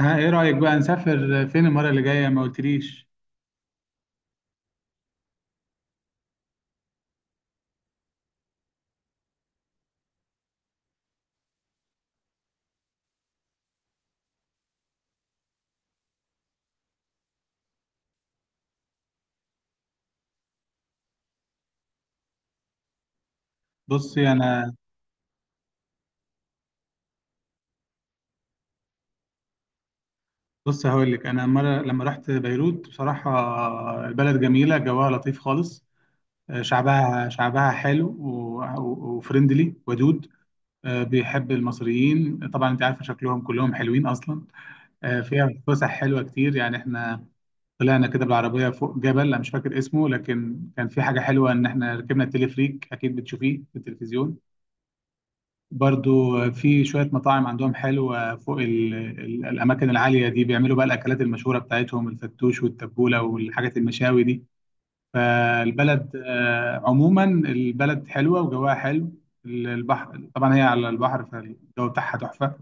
ها، ايه رأيك بقى نسافر فين المرة اللي جاية؟ ما قلتليش. بصي انا بص هقول لك، انا مرة لما رحت بيروت بصراحة البلد جميلة، جواها لطيف خالص. شعبها حلو و- وفريندلي ودود. بيحب المصريين، طبعا انت عارفة شكلهم كلهم حلوين اصلا. فيها فسح حلوة كتير، يعني احنا طلعنا كده بالعربية فوق جبل، انا مش فاكر اسمه، لكن كان في حاجة حلوة ان احنا ركبنا التلفريك، اكيد بتشوفيه في التلفزيون. برضو في شوية مطاعم عندهم حلوة فوق ال الأماكن العالية دي، بيعملوا بقى الأكلات المشهورة بتاعتهم، الفتوش والتبولة والحاجات المشاوي دي. فالبلد، عموما البلد حلوة وجواها حلو. البحر طبعا هي على البحر، فالجو بتاعها تحفة.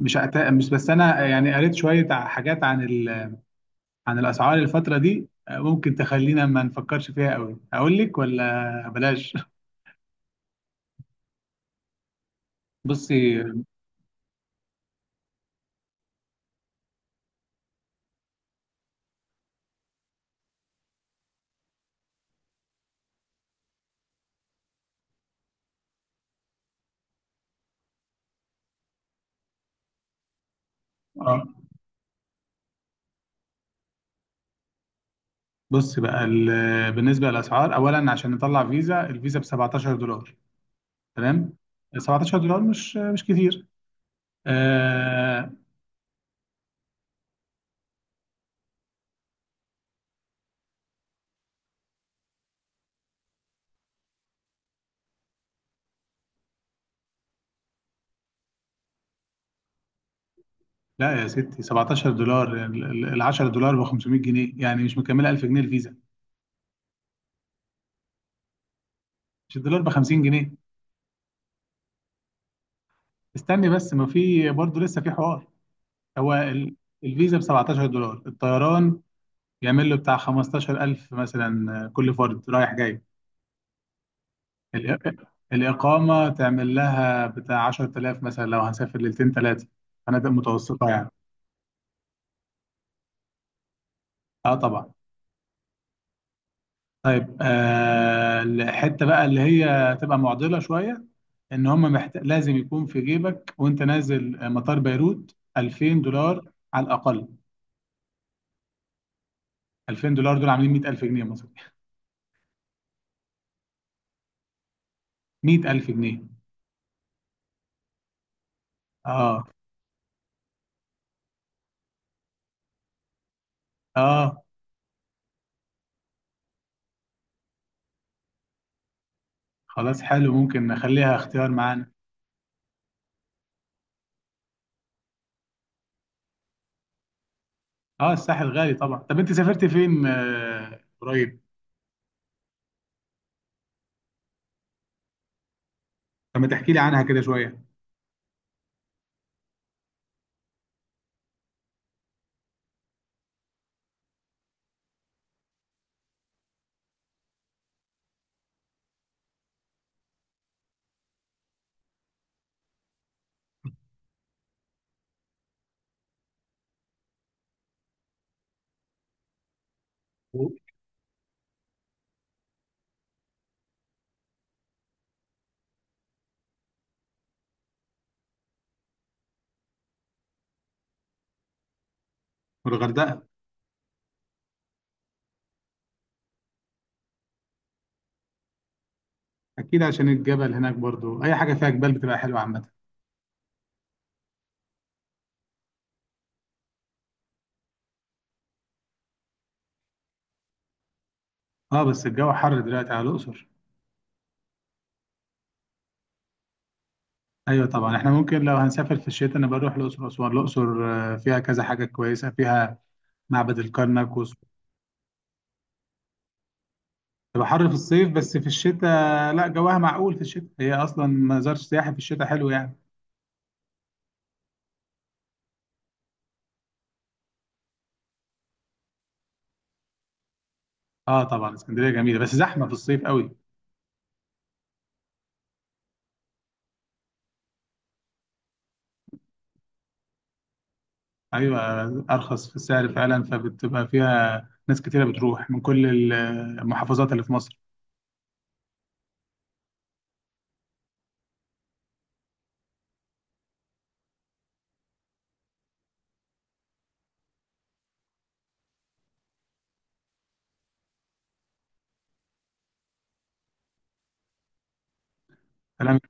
مش بس أنا، يعني قريت شوية حاجات عن الأسعار الفترة دي، ممكن تخلينا ما نفكرش فيها قوي. أقول لك ولا بلاش؟ بصي. آه. بص بقى، بالنسبه للاسعار، اولا عشان نطلع فيزا، الفيزا ب $17. تمام. $17 مش كتير. آه. لا يا ستي، $17، ال $10 ب 500 جنيه، يعني مش مكمله 1000 جنيه الفيزا. مش الدولار ب 50 جنيه؟ استني بس، ما في برضه لسه في حوار. هو الفيزا ب $17، الطيران يعمل له بتاع 15,000 مثلا، كل فرد رايح جاي. الإق- الإقامة تعمل لها بتاع 10,000 مثلا، لو هنسافر ليلتين ثلاثة. فنادق متوسطة يعني. اه طبعا. طيب، الحتة بقى اللي هي تبقى معضلة شوية، ان لازم يكون في جيبك وانت نازل مطار بيروت $2,000 على الأقل. $2,000 دول عاملين 100,000 جنيه مصري. 100,000 جنيه. اه. اه، خلاص حلو، ممكن نخليها اختيار معانا. اه الساحل غالي طبعا. طب انت سافرت فين قريب؟ طب ما تحكي لي عنها كده شوية. والغردقة. أكيد عشان الجبل هناك، برضو أي حاجة فيها جبال بتبقى حلوة عامة. أه بس الجو حر دلوقتي على الأقصر. أيوة طبعا، إحنا ممكن لو هنسافر في الشتاء أنا بروح الأقصر وأسوان. الأقصر فيها كذا حاجة كويسة، فيها معبد الكرنك تبقى حر في الصيف، بس في الشتاء لا، جواها معقول في الشتاء، هي أصلا مزار سياحي، في الشتاء حلو يعني. أه طبعا، اسكندرية جميلة بس زحمة في الصيف قوي. أيوة. أرخص في السعر فعلا، فبتبقى فيها ناس كتيرة بتروح من كل المحافظات اللي في مصر. كلام.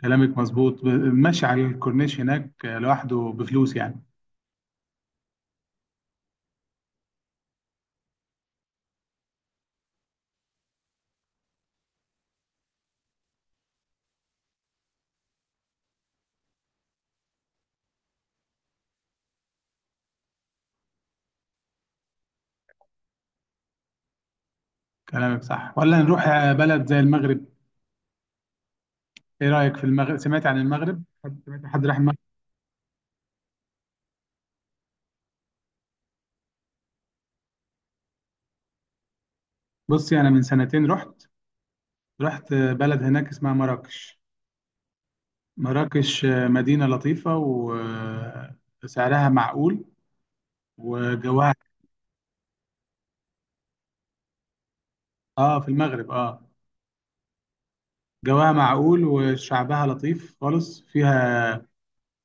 كلامك مظبوط. ماشي على الكورنيش هناك لوحده بفلوس يعني. كلامك صح، ولا نروح بلد زي المغرب؟ ايه رأيك في المغرب؟ سمعت عن المغرب؟ حد سمعت حد راح المغرب؟ بصي، انا من سنتين رحت. رحت بلد هناك اسمها مراكش. مراكش مدينة لطيفة، وسعرها معقول، وجواها. اه في المغرب اه. جواها معقول، وشعبها لطيف خالص، فيها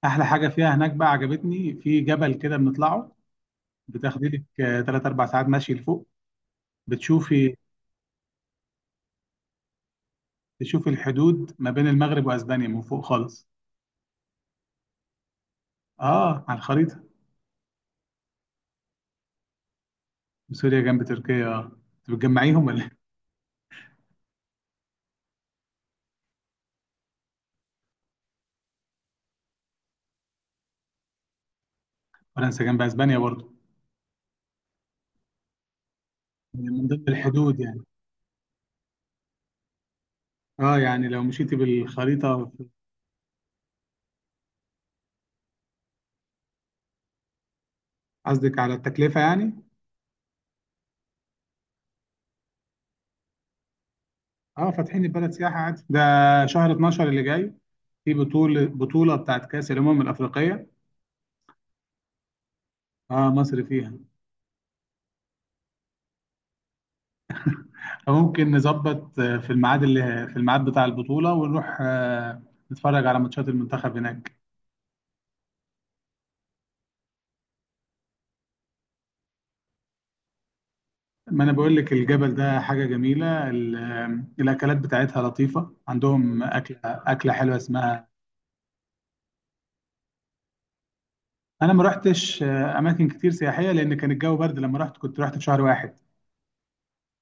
احلى حاجة فيها هناك بقى عجبتني، في جبل كده بنطلعه، بتاخدي لك 3 4 ساعات مشي لفوق. بتشوفي تشوفي الحدود ما بين المغرب واسبانيا من فوق خالص. اه على الخريطه. سوريا جنب تركيا. آه. انت بتجمعيهم ولا إيه؟ فرنسا جنب اسبانيا برضه. يعني من ضمن الحدود يعني. اه يعني لو مشيتي بالخريطه. قصدك على التكلفه يعني؟ اه فاتحين البلد سياحه عادي. ده شهر 12 اللي جاي في بطوله بتاعت كاس الامم الافريقيه. اه مصر فيها. فممكن نظبط في الميعاد، بتاع البطوله، ونروح نتفرج على ماتشات المنتخب هناك. ما انا بقول لك، الجبل ده حاجه جميله، الاكلات بتاعتها لطيفه، عندهم اكله حلوه اسمها. انا ما رحتش اماكن كتير سياحيه، لان كان الجو برد لما رحت، كنت رحت في شهر واحد.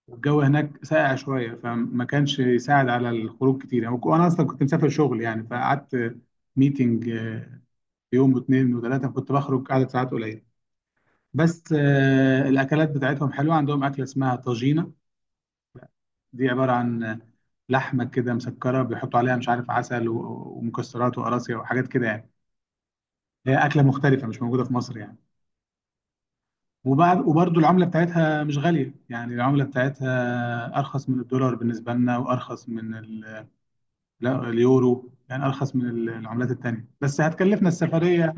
والجو هناك ساقع شويه، فما كانش يساعد على الخروج كتير يعني، وانا اصلا كنت مسافر شغل يعني، فقعدت ميتنج، يوم واثنين وثلاثه كنت بخرج عدد ساعات قليله. بس الاكلات بتاعتهم حلوه، عندهم اكله اسمها طاجينه، دي عبارة عن لحمة كده مسكرة بيحطوا عليها مش عارف عسل و- ومكسرات وقراصية وحاجات كده يعني. هي أكلة مختلفة مش موجودة في مصر يعني. وبعد وبرضو العملة بتاعتها مش غالية يعني، العملة بتاعتها أرخص من الدولار بالنسبة لنا، وأرخص من لا، اليورو يعني، أرخص من العملات التانية، بس هتكلفنا السفرية.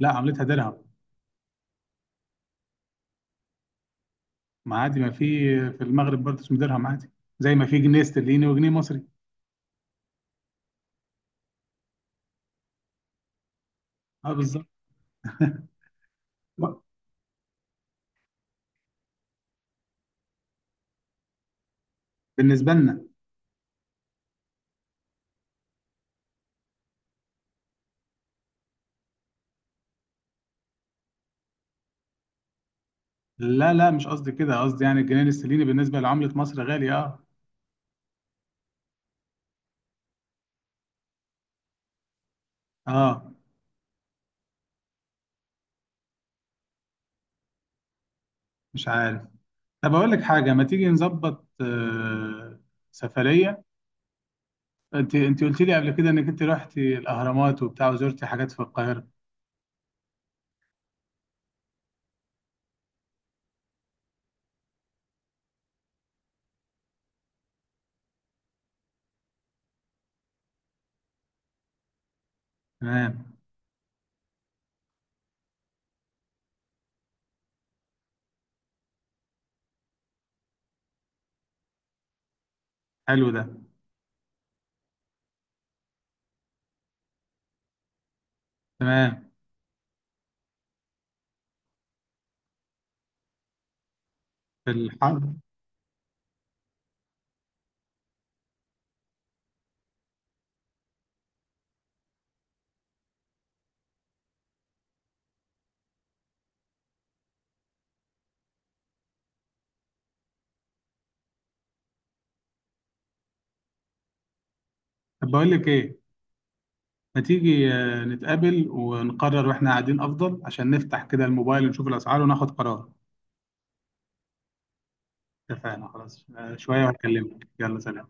لا عملتها درهم. ما عادي، ما في، في المغرب برضه اسمه درهم عادي، زي ما في جنيه استرليني وجنيه مصري. اه بالظبط. بالنسبة لنا. لا لا مش قصدي كده، قصدي يعني الجنيه الاسترليني بالنسبة لعملة مصر غالي، اه. اه. مش عارف. طب اقول لك حاجة، ما تيجي نظبط سفرية، انت قلت لي قبل كده انك انت رحتي الاهرامات وبتاع، وزرتي حاجات في القاهرة. تمام. حلو ده. تمام. في الحرب. طب بقول لك ايه، ما تيجي نتقابل ونقرر واحنا قاعدين، افضل عشان نفتح كده الموبايل ونشوف الاسعار وناخد قرار. اتفقنا خلاص، شوية وهكلمك. يلا سلام.